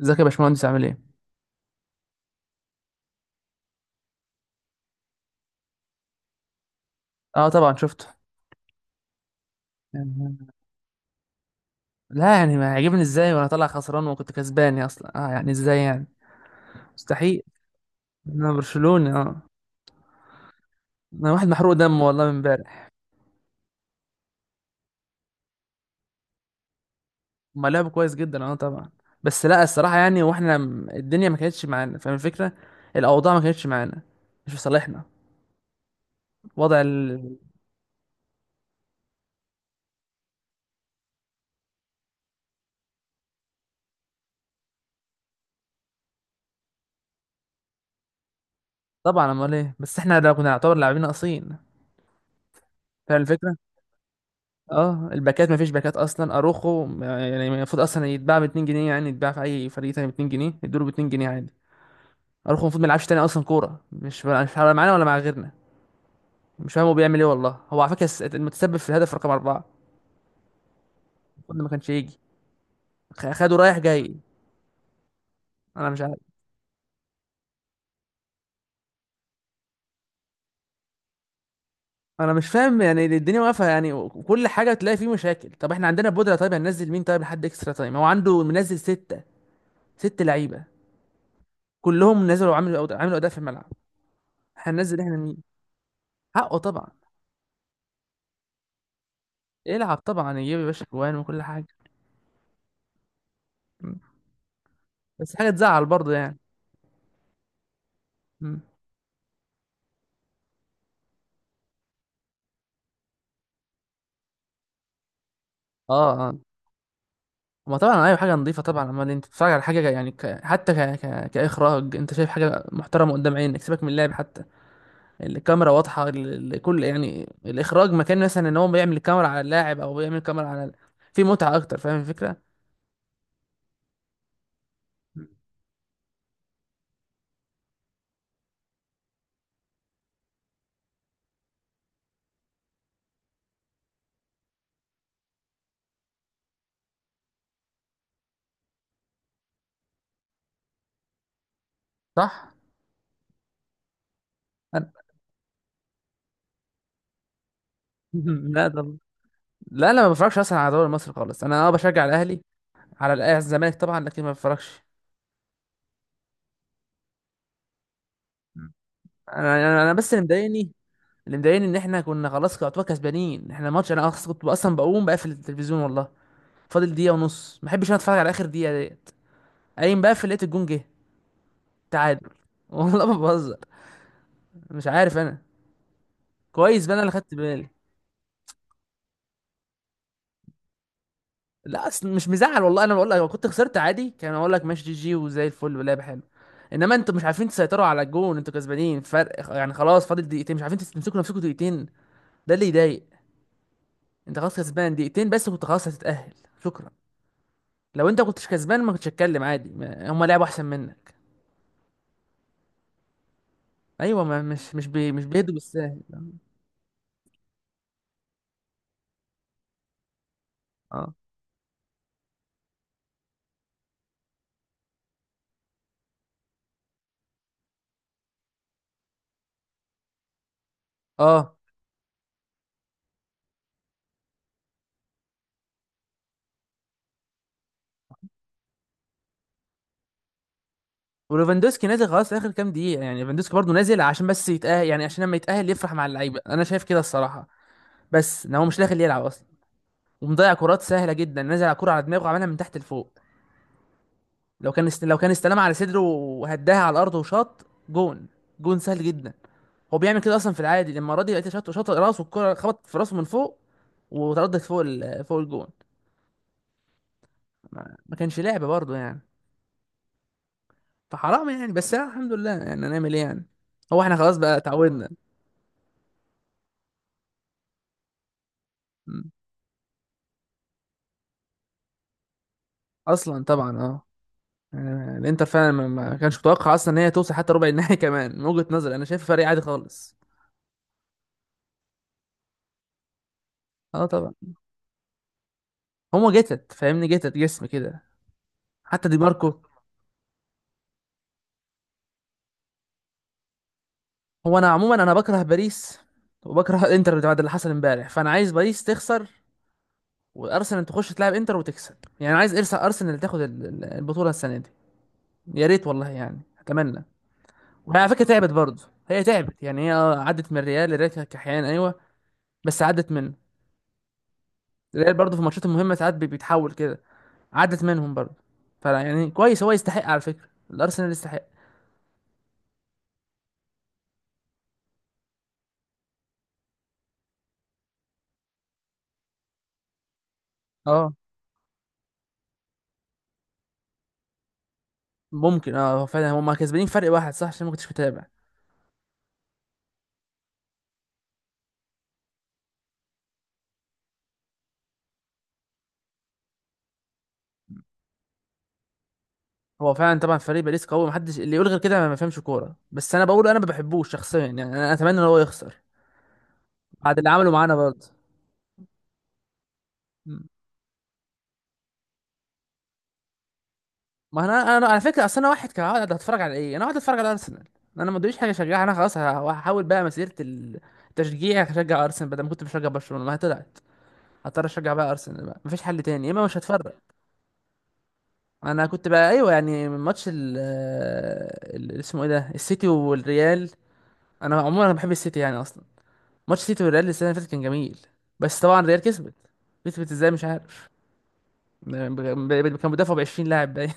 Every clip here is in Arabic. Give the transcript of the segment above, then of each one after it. ازيك يا باشمهندس عامل ايه؟ اه طبعا شفته. يعني- لا يعني ما عجبني ازاي وانا طالع خسران وكنت كسبان، يا اصلا اه يعني ازاي يعني. مستحيل، انا برشلوني اه. انا واحد محروق دم والله من امبارح. هما لعبوا كويس جدا اه طبعا. بس لا الصراحه يعني واحنا الدنيا ما كانتش معانا، فاهم الفكره. الاوضاع ما كانتش معانا، مش في صالحنا. وضع ال... طبعا، امال ايه، بس احنا لو كنا نعتبر لاعبين ناقصين، فاهم الفكره. اه الباكات، مفيش باكات اصلا. اروخو يعني المفروض اصلا يتباع ب 2 جنيه، يعني يتباع في اي فريق تاني ب 2 جنيه، يدوله ب 2 جنيه عادي. اروخو المفروض ما يلعبش تاني اصلا كوره، مش هيلعب معانا ولا مع غيرنا. مش فاهم هو بيعمل ايه والله. هو على فكره المتسبب في الهدف رقم اربعه المفروض ما كانش يجي. خده رايح جاي. انا مش عارف، انا مش فاهم يعني. الدنيا واقفه يعني، وكل حاجه تلاقي فيه مشاكل. طب احنا عندنا بودره، طيب هننزل مين؟ طيب لحد اكسترا تايم هو عنده منزل سته، ست لعيبه، كلهم نزلوا وعملوا عملوا اداء في الملعب. هننزل احنا مين؟ حقه طبعا. يلعب طبعا، يجيب يا باشا جوان وكل حاجه. مم. بس حاجه تزعل برضه يعني. مم. اه اه، ما طبعا ايوه حاجه نظيفه طبعا. اما انت بتتفرج على حاجه يعني ك... حتى ك... ك... كاخراج، انت شايف حاجه محترمه قدام عينك، سيبك من اللعب حتى. الكاميرا واضحه، كل يعني الاخراج مكان، مثلا ان هو بيعمل الكاميرا على اللاعب او بيعمل الكاميرا على في متعه اكتر، فاهم الفكره. صح. أنا... لا طب، لا ما بفرجش اصلا على الدوري المصري خالص. انا اه بشجع الاهلي، على الزمالك طبعا، لكن ما بفرجش. انا بس اللي مضايقني، اللي مضايقني ان احنا كنا خلاص يعتبر كسبانين احنا الماتش. انا كنت اصلا بقوم بقفل التلفزيون والله، فاضل دقيقه ونص، ما بحبش انا اتفرج على اخر دقيقه ديت. قايم بقفل، لقيت الجون جه تعادل والله ما بهزر. مش عارف انا. كويس بقى انا اللي خدت بالي. لا اصل مش مزعل والله. انا بقول لك، لو كنت خسرت عادي كان اقول لك ماشي، جي جي وزي الفل ولعب حلو، انما انتوا مش عارفين تسيطروا على الجون، انتوا كسبانين فرق يعني، خلاص فاضل دقيقتين مش عارفين تمسكوا نفسكم دقيقتين، ده اللي يضايق. انت خلاص كسبان دقيقتين، بس كنت خلاص هتتأهل، شكرا. لو انت كنتش كسبان ما كنتش هتكلم عادي، هما لعبوا احسن منك. ايوه، ما مش بيهدوا بالساهل. اه اه. وليفاندوسكي نازل خلاص اخر كام دقيقه يعني، ليفاندوسكي برضه نازل عشان بس يتاهل، يعني عشان لما يتاهل يفرح مع اللعيبه، انا شايف كده الصراحه. بس ان هو مش داخل يلعب اصلا، ومضيع كرات سهله جدا. نازل على كرة على دماغه، عملها من تحت لفوق. لو كان استلمها على صدره وهداها على الارض وشاط، جون، جون سهل جدا. هو بيعمل كده اصلا في العادي. لما راضي لقيته شاط راسه، الكرة خبطت في راسه من فوق وتردت فوق فوق الجون. ما ما كانش لعبة برضه يعني. فحرام يعني. بس أنا الحمد لله، يعني هنعمل ايه يعني، هو احنا خلاص بقى اتعودنا. م. اصلا طبعا اه. يعني الانتر فعلا ما كانش متوقع اصلا ان هي توصل حتى ربع النهائي كمان من وجهة نظري انا شايف فريق عادي خالص. اه طبعا، هما جتت جتت جسم كده حتى دي ماركو. انا عموما انا بكره باريس، وبكره الانتر بعد اللي حصل امبارح، فانا عايز باريس تخسر وارسنال تخش تلعب انتر وتكسب، يعني عايز ارسنال تاخد البطولة السنة دي. يا ريت والله، يعني اتمنى. ما على فكره تعبت برضه. هي تعبت يعني. هي عدت من الريال، الريال كانت كحيان ايوه، بس عدت منه. الريال برضه في الماتشات المهمه ساعات بيتحول كده، عدت منهم برضه. فلا يعني كويس، هو يستحق على فكره، الارسنال يستحق. اه ممكن اه، هو فعلا هم كسبانين فرق واحد صح، عشان ما كنتش متابع. هو فعلا طبعا فريق باريس قوي، محدش اللي يقول غير كده ما بيفهمش كوره، بس انا بقول انا ما بحبوش شخصيا يعني، انا اتمنى ان هو يخسر بعد اللي عمله معانا برضه. ما انا على فكره، اصل انا واحد كان قاعد هتفرج على ايه، انا قاعد اتفرج على ارسنال، انا ما ادريش حاجه اشجعها. انا خلاص هحاول بقى مسيره التشجيع هشجع ارسنال، بدل ما كنت بشجع برشلونه ما هي طلعت، هضطر اشجع بقى ارسنال، بقى مفيش حل تاني يا اما مش هتفرج. انا كنت بقى ايوه يعني من ماتش اسمه ايه ده، السيتي والريال. انا عموما انا بحب السيتي يعني اصلا. ماتش السيتي والريال السنه اللي فاتت كان جميل، بس طبعا الريال كسبت. كسبت ازاي مش عارف. ب- كان مدافع ب 20 لاعب باين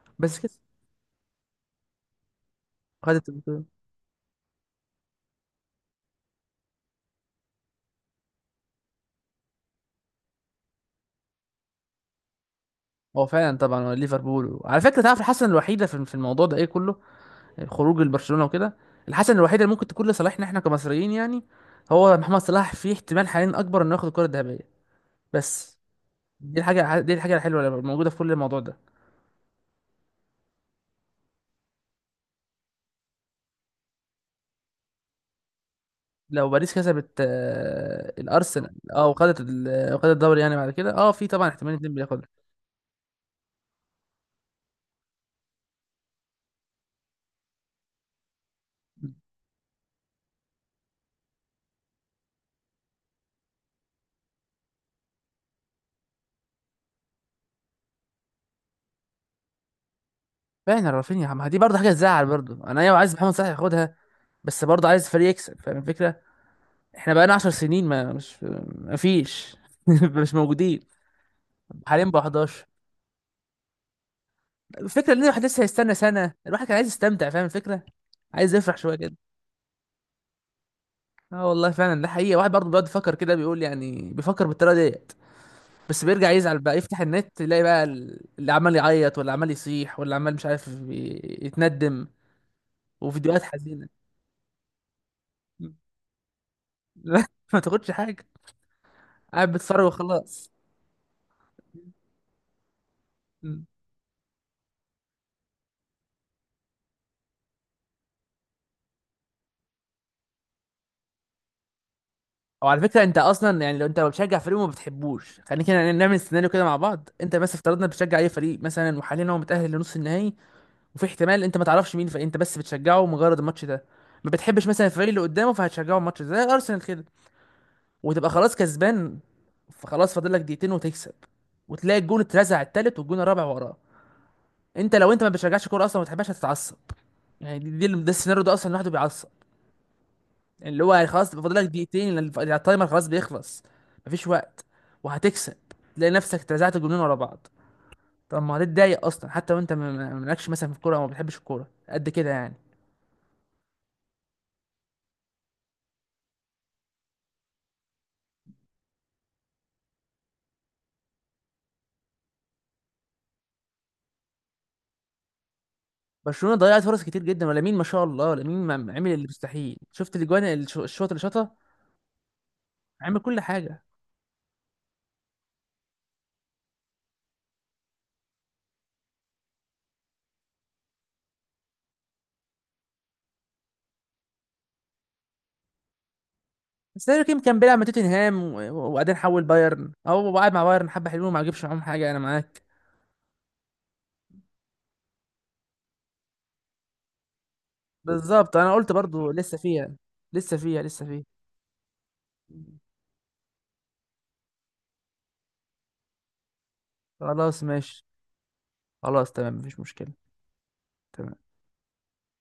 بس كسبت، خدت. هو فعلا طبعا ليفربول، على فكره تعرف الحسنه الوحيده في الموضوع ده ايه كله، خروج البرشلونه وكده، الحسنه الوحيده اللي ممكن تكون لصالحنا احنا كمصريين يعني، هو محمد صلاح في احتمال حاليا اكبر انه ياخد الكره الذهبيه. بس دي الحاجه الحلوه اللي موجوده في كل الموضوع ده. لو باريس كسبت آه، الارسنال، اه وخدت وخدت الدوري، يعني بعد كده اه في طبعا احتمال اتنين بياخدها. فعلا رافينيا، ما دي برضه حاجه تزعل برضه، انا ايوه عايز محمد صلاح ياخدها، بس برضه عايز فريق يكسب، فاهم الفكره. احنا بقالنا 10 سنين، ما مش، ما فيش مش موجودين. حاليا بقى 11. الفكره ان الواحد لسه هيستنى سنه، الواحد كان عايز يستمتع فاهم الفكره، عايز يفرح شويه كده. اه والله فعلا، ده حقيقه، واحد برضه بيقعد يفكر كده، بيقول يعني بيفكر بالطريقه ديت، بس بيرجع يزعل بقى، يفتح النت يلاقي بقى اللي عمال يعيط واللي عمال يصيح واللي عمال مش عارف يتندم، وفيديوهات حزينه لا، ما تاخدش حاجه، قاعد بتصرخ وخلاص. وعلى فكره انت اصلا يعني، لو انت بتشجع فريق وما بتحبوش، خلينا كده نعمل سيناريو كده مع بعض. انت مثلا افترضنا بتشجع اي فريق مثلا، وحاليا هو متاهل لنص النهائي، وفي احتمال انت ما تعرفش مين الفريق، انت بس بتشجعه مجرد الماتش ده، ما بتحبش مثلا الفريق اللي قدامه، فهتشجعه الماتش ده زي ارسنال كده، وتبقى خلاص كسبان، فخلاص فاضل لك دقيقتين وتكسب، وتلاقي الجون اترزع التالت والجون الرابع وراه. انت لو انت ما بتشجعش كوره اصلا ما بتحبهاش هتتعصب. يعني ده السيناريو ده اصلا لوحده بيعصب، اللي هو خلاص فاضل لك دقيقتين، لأن التايمر خلاص بيخلص، مفيش وقت وهتكسب، تلاقي نفسك اترزعت جنون ورا بعض. طب ما هتتضايق اصلا حتى وانت مالكش مثلا في الكوره، او ما بتحبش الكوره قد كده يعني. برشلونه ضيعت فرص كتير جدا، ولامين ما شاء الله، لامين ما عمل اللي مستحيل، شفت الاجوان الشوط اللي شاطها، عمل كل حاجه. بس هاري كين كان بيلعب مع توتنهام وبعدين حول بايرن، او قاعد مع بايرن حبه حلوين ما جابش معاهم حاجه، انا معاك بالظبط. انا قلت برضو لسه فيها، لسه فيها. خلاص ماشي. خلاص تمام، مفيش مشكلة. تمام.